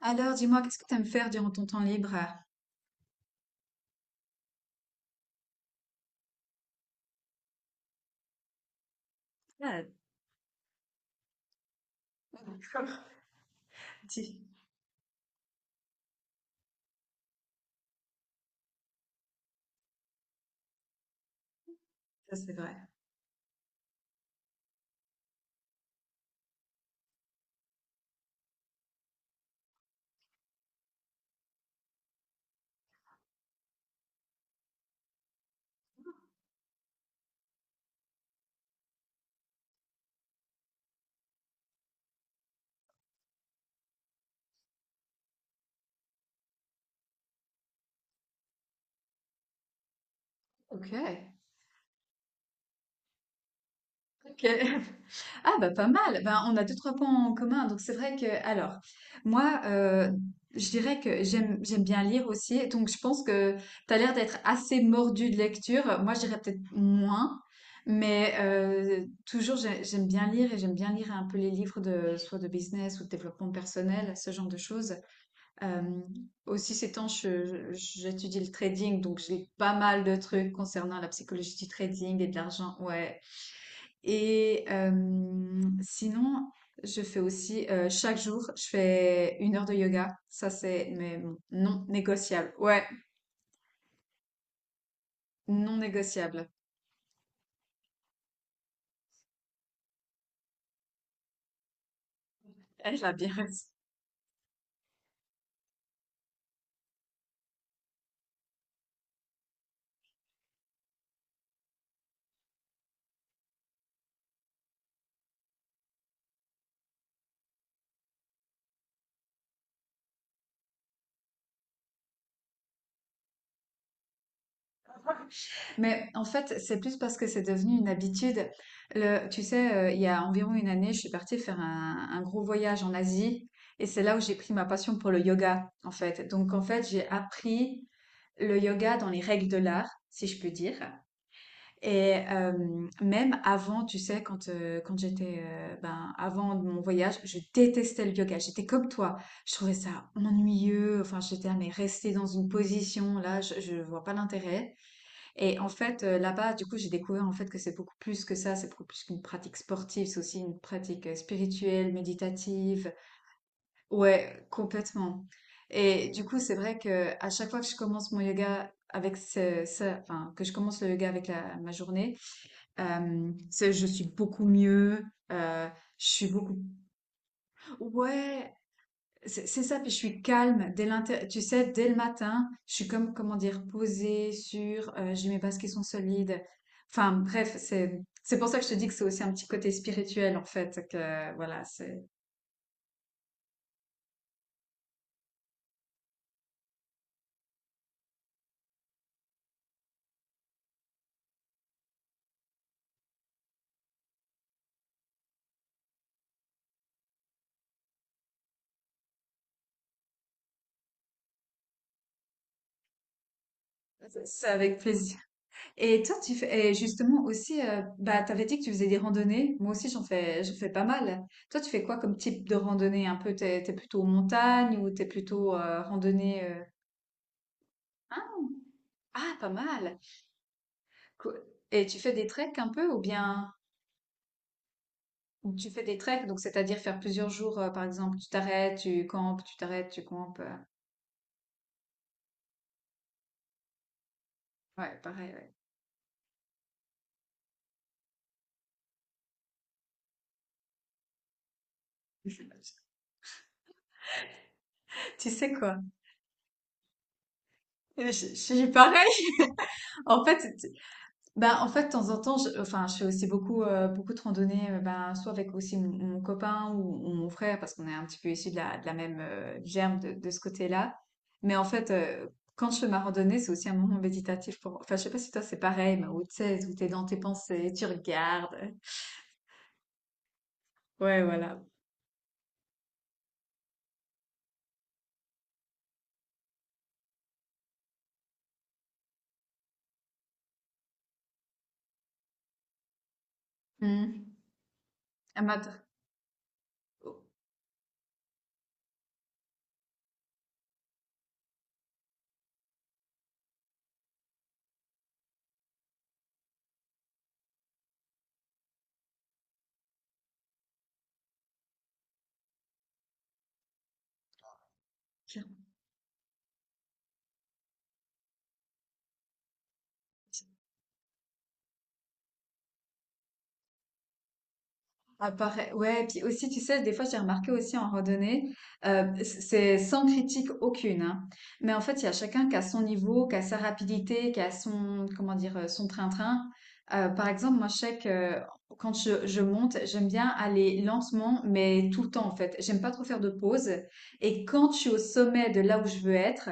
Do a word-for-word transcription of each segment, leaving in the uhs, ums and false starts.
Alors, dis-moi, qu'est-ce que tu aimes faire durant ton temps libre? D'accord. Si, ça c'est vrai. Ok. Ok. Ah bah pas mal. Ben, on a deux trois points en commun. Donc c'est vrai que alors moi, euh, je dirais que j'aime j'aime bien lire aussi. Donc je pense que tu as l'air d'être assez mordu de lecture. Moi je dirais peut-être moins, mais euh, toujours j'ai- j'aime bien lire et j'aime bien lire un peu les livres de soit de business ou de développement personnel, ce genre de choses. Euh, aussi, ces temps, je- je- j'étudie le trading, donc j'ai pas mal de trucs concernant la psychologie du trading et de l'argent, ouais. Et euh, sinon, je fais aussi, euh, chaque jour, je fais une heure de yoga. Ça, c'est mais bon, non négociable. Ouais, non négociable. Elle l'a bien raison. Mais en fait, c'est plus parce que c'est devenu une habitude. Le, tu sais, euh, il y a environ une année, je suis partie faire un, un gros voyage en Asie et c'est là où j'ai pris ma passion pour le yoga, en fait. Donc, en fait, j'ai appris le yoga dans les règles de l'art, si je peux dire. Et euh, même avant, tu sais, quand, euh, quand j'étais, euh, ben, avant mon voyage, je détestais le yoga. J'étais comme toi. Je trouvais ça ennuyeux. Enfin, j'étais, ah, mais rester dans une position, là, je, je vois pas l'intérêt. Et en fait, euh, là-bas, du coup, j'ai découvert en fait que c'est beaucoup plus que ça, c'est beaucoup plus qu'une pratique sportive, c'est aussi une pratique, euh, spirituelle, méditative. Ouais, complètement. Et du coup, c'est vrai que à chaque fois que je commence mon yoga avec ce, ça, enfin, que je commence le yoga avec la, ma journée, euh, c'est- je suis beaucoup mieux. euh, je suis beaucoup. Ouais, c'est c'est ça, puis je suis calme dès l'inté- tu sais, dès le matin, je suis comme, comment dire, posée, sûre, euh, j'ai mes bases qui sont solides. Enfin, bref, c'est, c'est pour ça que je te dis que c'est aussi un petit côté spirituel, en fait, que, voilà, c'est, c'est avec plaisir. Et toi, tu fais, et justement aussi, euh, bah, t'avais dit que tu faisais des randonnées. Moi aussi, j'en fais, j'en fais pas mal. Toi, tu fais quoi comme type de randonnée? Un peu, t'es, t'es plutôt montagne ou t'es plutôt, euh, randonnée, euh, hein? Ah, pas mal. Cou- Et tu fais des treks un peu ou bien Mm. Tu fais des treks, donc c'est-à-dire faire plusieurs jours, euh, par exemple, tu t'arrêtes, tu campes, tu t'arrêtes, tu campes. euh, Ouais, pareil, ouais. Tu sais quoi? Je, je suis pareil. En fait, c'est- ben, en fait, de temps en temps, je, enfin, je fais aussi beaucoup, euh, beaucoup de randonnées, euh, ben, soit avec aussi mon, mon copain ou, ou mon frère, parce qu'on est un petit peu issus de la, de la même, euh, germe de, de ce côté-là. Mais en fait, euh, quand je fais ma randonnée, c'est aussi un moment méditatif pour. Enfin, je sais pas si toi c'est pareil, mais où tu sais, où t'es dans tes pensées, tu regardes. Ouais, voilà. Mm. Un matin. OK. Ah, ouais, puis aussi, tu sais, des fois, j'ai remarqué aussi en randonnée, euh, c'est sans critique aucune, hein. Mais en fait, il y a chacun qui a son niveau, qui a sa rapidité, qui a son, comment dire, euh, son train-train. Euh, par exemple, moi, je sais que quand je, je monte, j'aime bien aller lentement, mais tout le temps, en fait. J'aime pas trop faire de pause. Et quand je suis au sommet de là où je veux être,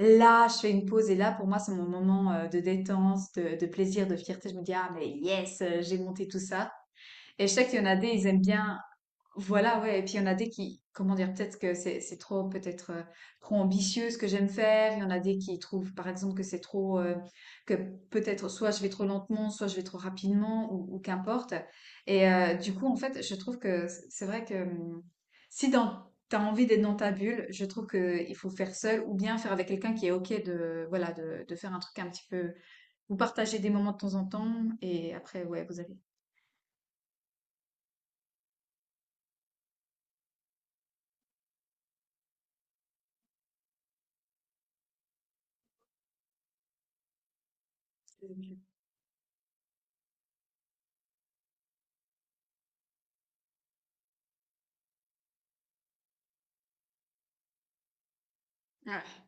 là, je fais une pause et là, pour moi, c'est mon moment, euh, de détente, de, de plaisir, de fierté. Je me dis, ah, mais yes, euh, j'ai monté tout ça. Et je sais qu'il y en a des, ils aiment bien. Voilà, ouais. Et puis il y en a des qui, comment dire, peut-être que c'est c'est trop, peut-être, euh, trop ambitieux ce que j'aime faire. Il y en a des qui trouvent, par exemple, que c'est trop, euh, que peut-être soit je vais trop lentement, soit je vais trop rapidement, ou, ou qu'importe. Et euh, du coup, en fait, je trouve que c- c'est vrai que hum, si dans t'as envie d'être dans ta bulle, je trouve que euh, il faut faire seul ou bien faire avec quelqu'un qui est OK de, voilà, de, de faire un truc un petit peu. Vous partagez des moments de temps en temps et après, ouais, vous allez. Ouais,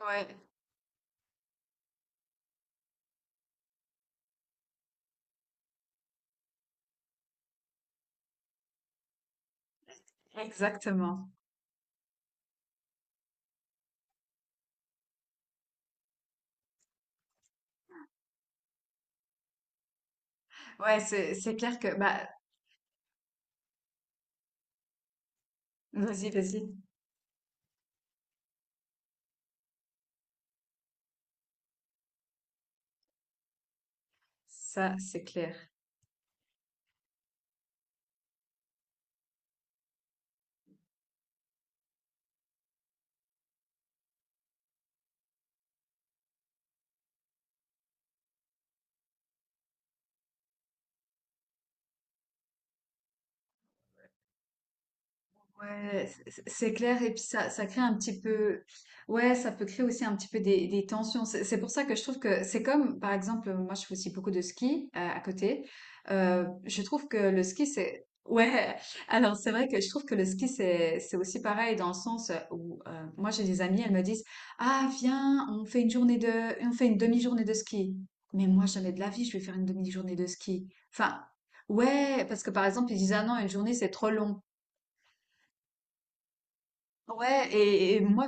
ouais, exactement. Ouais, c'est c'est clair que bah vas-y, vas-y. Ça, c'est clair. Ouais, c- c- c'est clair. Et puis ça, ça crée un petit peu, ouais, ça peut créer aussi un petit peu des, des tensions. C'est c'est pour ça que je trouve que c'est comme, par exemple, moi je fais aussi beaucoup de ski, euh, à côté. Euh, je trouve que le ski, c'est, ouais. Alors c'est vrai que je trouve que le ski, c'est, c'est aussi pareil dans le sens où, euh, moi j'ai des amies, elles me disent, ah viens, on fait une journée de, on fait une demi-journée de ski. Mais moi jamais de la vie, je vais faire une demi-journée de ski. Enfin, ouais, parce que par exemple ils disent, ah non, une journée c'est trop long. Ouais, et, et moi,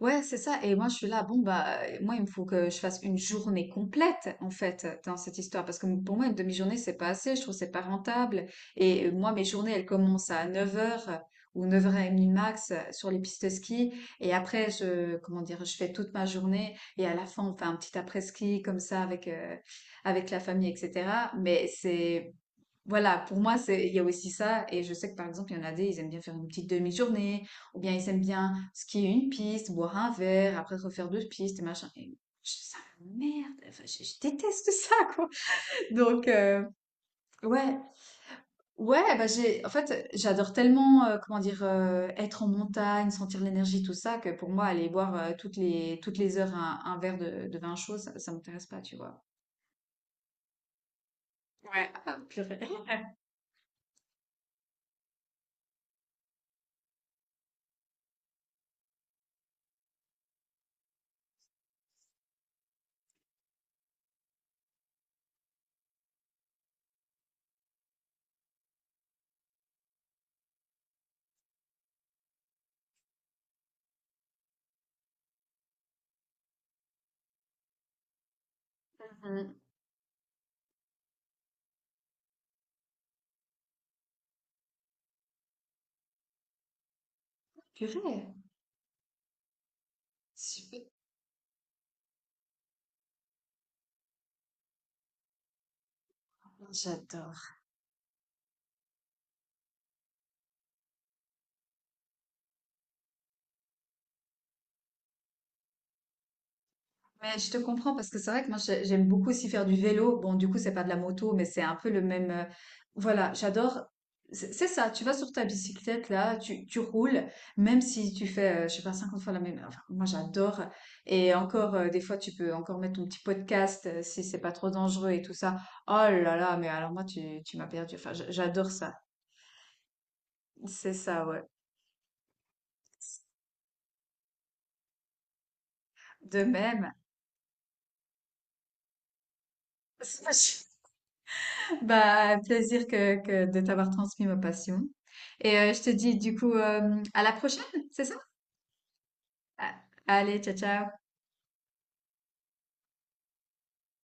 ouais, c'est ça. Et moi, je suis là, bon, bah, euh, moi, il me faut que je fasse une journée complète, en fait, dans cette histoire. Parce que pour moi, une demi-journée, c'est pas assez. Je trouve que c'est pas rentable. Et euh, moi, mes journées, elles commencent à neuf heures ou neuf heures trente max, euh, sur les pistes de ski. Et après, je, comment dire, je fais toute ma journée. Et à la fin, on fait un petit après-ski, comme ça, avec, euh, avec la famille, et cetera. Mais c'est, voilà, pour moi, c'est, il y a aussi ça. Et je sais que par exemple, il y en a des, ils aiment bien faire une petite demi-journée, ou bien ils aiment bien skier une piste, boire un verre, après refaire deux pistes et machin. Et je- ça merde, enfin, je, je déteste ça, quoi. Donc, euh, ouais, ouais, bah j'ai, en fait, j'adore tellement, euh, comment dire, euh, être en montagne, sentir l'énergie, tout ça, que pour moi, aller boire, euh, toutes les, toutes les heures un, un verre de, de vin chaud, ça, ça m'intéresse pas, tu vois. Ouais. Mhm. Purée, super, j'adore. Mais je te comprends parce que c'est vrai que moi j'ai- j'aime beaucoup aussi faire du vélo. Bon, du coup, c'est pas de la moto, mais c'est un peu le même. euh, Voilà, j'adore. C'est c'est ça, tu vas sur ta bicyclette là, tu, tu roules, même si tu fais, euh, je sais pas, cinquante fois la même. Enfin, moi j'adore. Et encore, euh, des fois, tu peux encore mettre ton petit podcast, euh, si c'est pas trop dangereux et tout ça. Oh là là, mais alors moi, tu, tu m'as perdu. Enfin, j- j'adore ça. C'est ça, ouais. De même. Bah, plaisir que, que de t'avoir transmis ma passion. Et euh, je te dis du coup, euh, à la prochaine, c'est ça? Ah, allez, ciao, ciao.